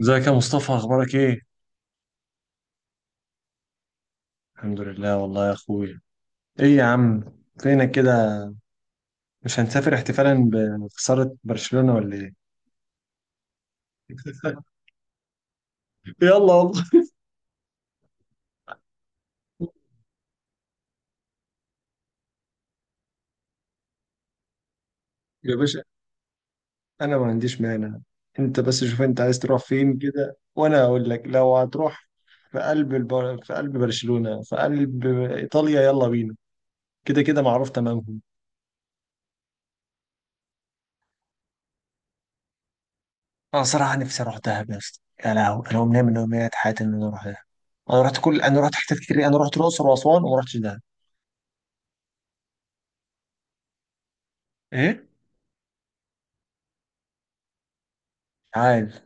ازيك يا مصطفى؟ اخبارك ايه؟ الحمد لله والله يا اخويا. ايه يا عم؟ فينك كده؟ مش هنسافر احتفالا بخسارة برشلونة ولا ايه؟ يلا والله. يا باشا، انا ما عنديش مانع. انت بس شوف انت عايز تروح فين كده وانا اقول لك لو هتروح. في قلب في قلب برشلونة، في قلب ايطاليا، يلا بينا. كده كده معروف تمامهم. انا صراحة نفسي اروح دهب يا اسطى. يا لهوي، انا امنيه من امنيات حياتي ان انا اروح دهب. انا رحت حتت كتير. انا رحت الاقصر واسوان وما رحتش دهب. ايه؟ عارف،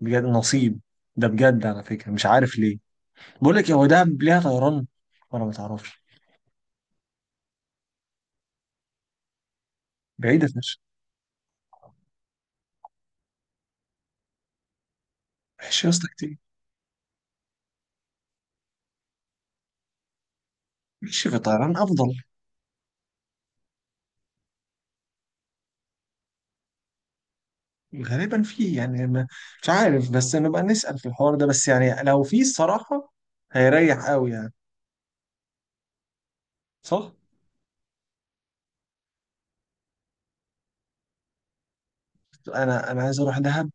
بجد نصيب. ده بجد على فكرة مش عارف ليه. بقول لك إيه، هو دهب ليها طيران ولا ما تعرفش؟ بعيدة فشخ. ماشي يا اسطى كتير. ماشي، في طيران أفضل. غالبا فيه يعني ما، مش عارف. بس نبقى نسأل في الحوار ده، بس يعني لو فيه الصراحة هيريح قوي يعني. صح. أنا عايز أروح دهب.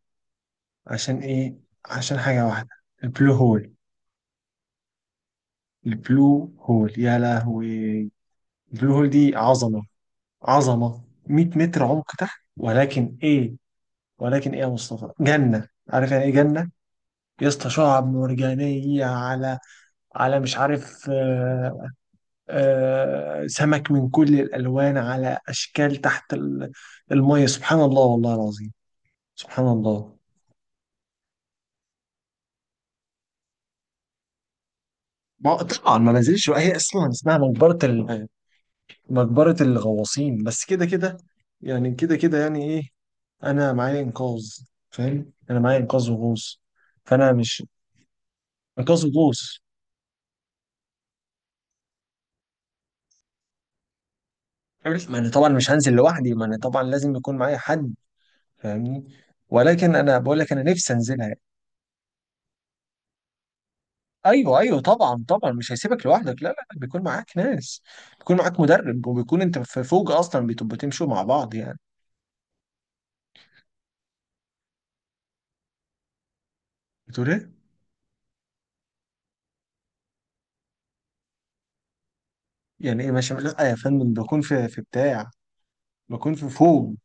عشان إيه؟ عشان حاجة واحدة، البلو هول. البلو هول يا لهوي، البلو هول دي عظمة. عظمة، 100 متر عمق تحت. ولكن ايه؟ ولكن ايه يا مصطفى، جنة. عارف يعني ايه جنة يا اسطى؟ شعاب مرجانية على مش عارف، آه. آه، سمك من كل الألوان على أشكال تحت المية. سبحان الله والله العظيم، سبحان الله. ما طبعا ما نزلش بقى، هي اصلا اسمها مقبرة الغواصين. بس كده كده، يعني كده كده، يعني ايه؟ انا معايا انقاذ، فاهم؟ انا معايا انقاذ وغوص. فانا مش، انقاذ وغوص. عرف، ما انا طبعا مش هنزل لوحدي، ما انا طبعا لازم يكون معايا حد، فاهمني؟ ولكن انا بقول لك انا نفسي انزلها يعني. ايوه ايوه طبعا طبعا، مش هيسيبك لوحدك، لا لا لا، بيكون معاك ناس، بيكون معاك مدرب، وبيكون انت في فوق اصلا بتبقوا تمشوا مع بعض يعني. بتقول ايه؟ يعني ايه ماشي؟ لا يا فندم، بكون في بتاع، بكون في فوق.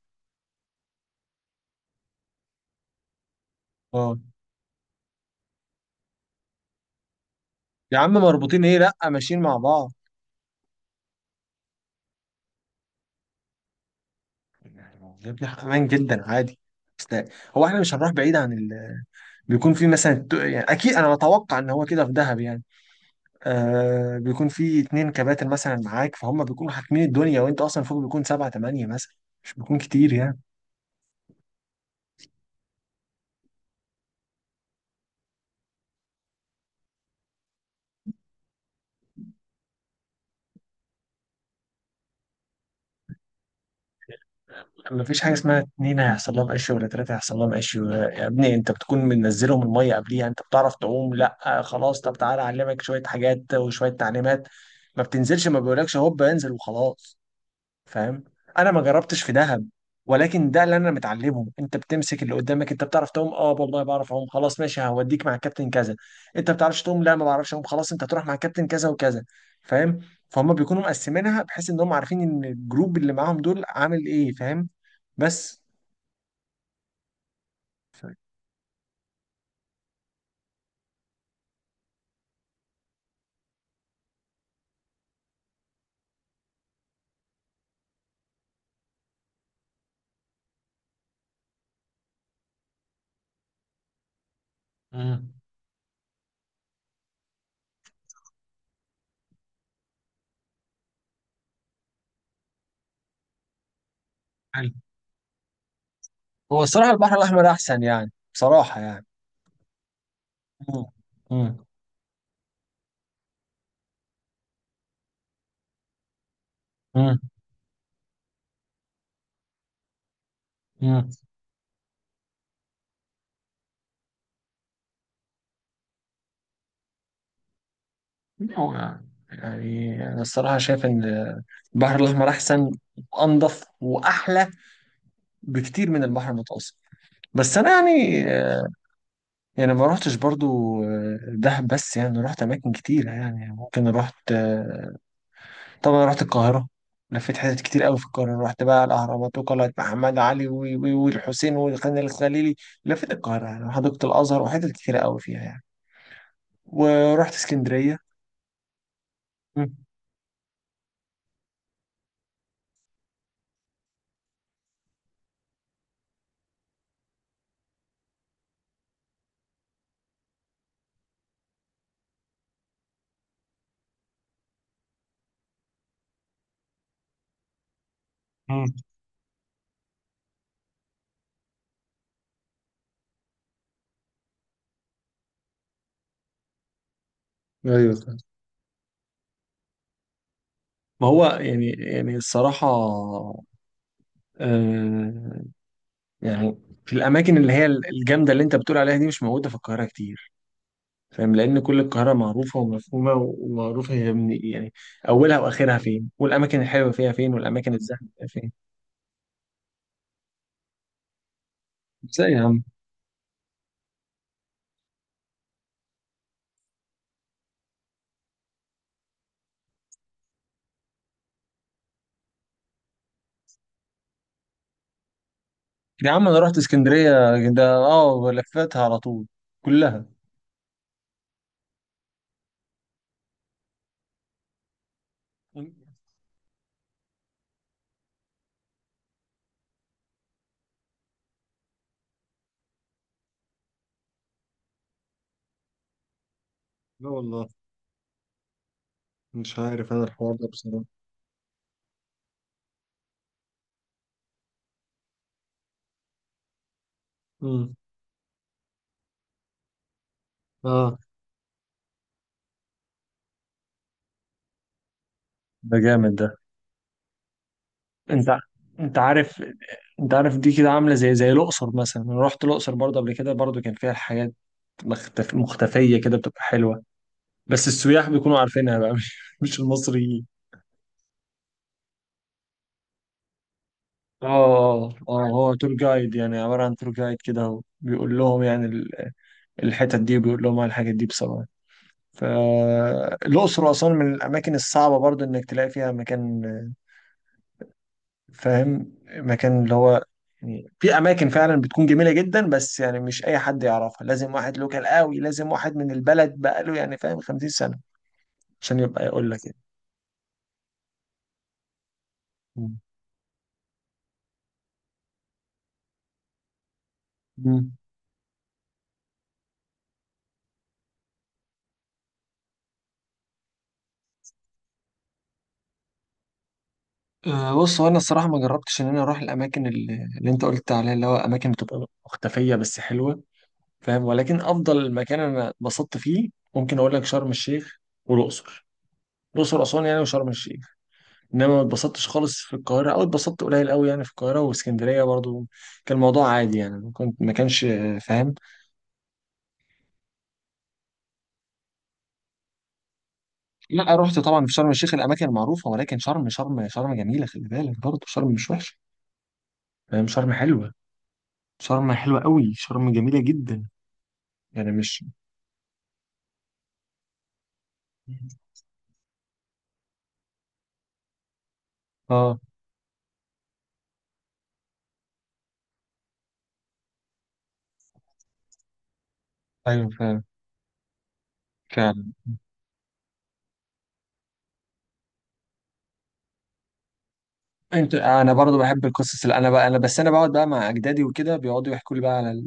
اه يا عم مربوطين ايه؟ لا، ماشيين مع بعض. يعني يا ابني، امان جدا عادي. بس ده- هو احنا مش هنروح بعيد عن ال... بيكون في مثلا يعني اكيد انا بتوقع ان هو كده في دهب يعني. آه، بيكون في اتنين كباتن مثلا معاك، فهم؟ بيكونوا حاكمين الدنيا، وانت اصلا فوق بيكون سبعة تمانية مثلا، مش بيكون كتير يعني. مفيش حاجة اسمها اتنين هيحصل لهم قش ولا تلاتة هيحصل لهم قش. يا ابني انت بتكون منزلهم المية قبليها. انت بتعرف تعوم؟ لا، آه خلاص طب تعالى اعلمك شوية حاجات وشوية تعليمات. ما بتنزلش، ما بيقولكش هوب انزل وخلاص، فاهم؟ انا ما جربتش في دهب، ولكن ده اللي انا متعلمه. انت بتمسك اللي قدامك. انت بتعرف تعوم؟ اه والله بعرف اعوم. خلاص ماشي، هوديك مع الكابتن كذا. انت ما بتعرفش تعوم؟ لا، ما بعرفش اعوم. خلاص انت هتروح مع الكابتن كذا وكذا، فاهم؟ فهم بيكونوا مقسمينها بحيث ان هم عارفين ان الجروب اللي معاهم دول عامل ايه، فاهم؟ بس ف- مم. حلو. هو الصراحة البحر الأحمر أحسن يعني، بصراحة يعني. مم. مم. مم. هو يعني أنا الصراحة شايف إن البحر الأحمر أحسن وأنضف وأحلى بكتير من البحر المتوسط. بس أنا يعني ما روحتش برضو. آه، دهب بس يعني رحت أماكن كتيرة يعني، ممكن رحت. طبعا رحت القاهرة. لفيت حتت كتير قوي في القاهرة. رحت بقى الأهرامات وقلعة محمد علي والحسين والخان الخليلي. لفيت القاهرة يعني، وحديقة الأزهر وحتت كتيرة قوي فيها يعني. ورحت اسكندرية. مم. مم. ايوه، ما هو يعني الصراحة، آه يعني في الأماكن اللي هي الجامدة اللي أنت بتقول عليها دي، مش موجودة في القاهرة كتير، فاهم؟ لأن كل القاهرة معروفة ومفهومة ومعروفة، هي من يعني أولها وآخرها فين، والأماكن الحلوة فيها فين، والأماكن الزحمة فيها فين. إزاي يا عم؟ يا عم أنا رحت اسكندرية، ده أه لفيتها على طول كلها. لا والله، مش عارف أنا الحوار ده بصراحة. امم، اه، ده جامد ده. انت انت عارف. انت عارف دي كده عامله زي الاقصر مثلا. انا رحت الاقصر برضه قبل كده، برضه كان فيها حاجات مختفيه كده بتبقى حلوه. بس السياح بيكونوا عارفينها بقى، مش المصريين. اه اه هو تور جايد يعني، عباره عن تور جايد كده، هو بيقول لهم يعني الحتت دي وبيقول لهم على الحاجات دي بصراحه. فالاقصر واسوان من الاماكن الصعبه برضه انك تلاقي فيها مكان، فاهم، مكان اللي هو يعني في اماكن فعلا بتكون جميله جدا. بس يعني مش اي حد يعرفها، لازم واحد لوكال قوي، لازم واحد من البلد بقاله يعني فاهم 50 سنه عشان يبقى يقول لك يعني. مم. مم. أه بص، هو انا الصراحه ما جربتش ان انا اروح الاماكن اللي انت قلت عليها اللي هو اماكن بتبقى مختفيه بس حلوه، فاهم. ولكن افضل مكان انا اتبسطت فيه، ممكن اقول لك شرم الشيخ والاقصر. الاقصر اسوان يعني، وشرم الشيخ. انما ما اتبسطتش خالص في القاهره او اتبسطت قليل قوي يعني، في القاهره واسكندريه برضو كان الموضوع عادي يعني، ما كانش، آه، فاهم. لا، رحت طبعا في شرم الشيخ الاماكن المعروفه. ولكن شرم جميله، خلي بالك برضو، شرم مش وحشه، فاهم، شرم حلوه، شرم حلوه قوي، شرم جميله جدا. يعني مش، اه. ايوه فعلا. فعلا، انا برضو بحب القصص، اللي انا بقعد بقى مع اجدادي، وكده بيقعدوا يحكوا لي بقى على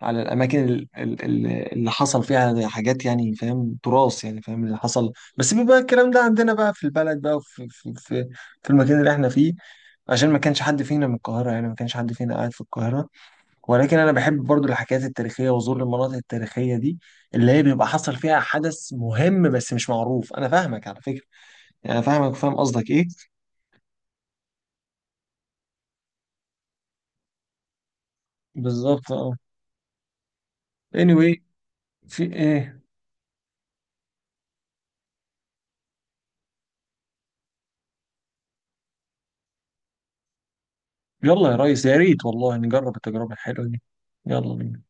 على الاماكن اللي حصل فيها حاجات يعني، فاهم؟ تراث يعني، فاهم، اللي حصل، بس بيبقى الكلام ده عندنا بقى في البلد بقى، وفي في المكان اللي احنا فيه. عشان ما كانش حد فينا من القاهره، يعني ما كانش حد فينا قاعد في القاهره. ولكن انا بحب برضو الحكايات التاريخيه وزور المناطق التاريخيه دي، اللي هي بيبقى حصل فيها حدث مهم بس مش معروف. انا فاهمك على فكره، يعني أنا فاهمك وفاهم قصدك ايه. بالظبط اه. anyway، في ايه؟ يلا يا ريس، يا ريت والله نجرب التجربه الحلوه دي. يلا بينا.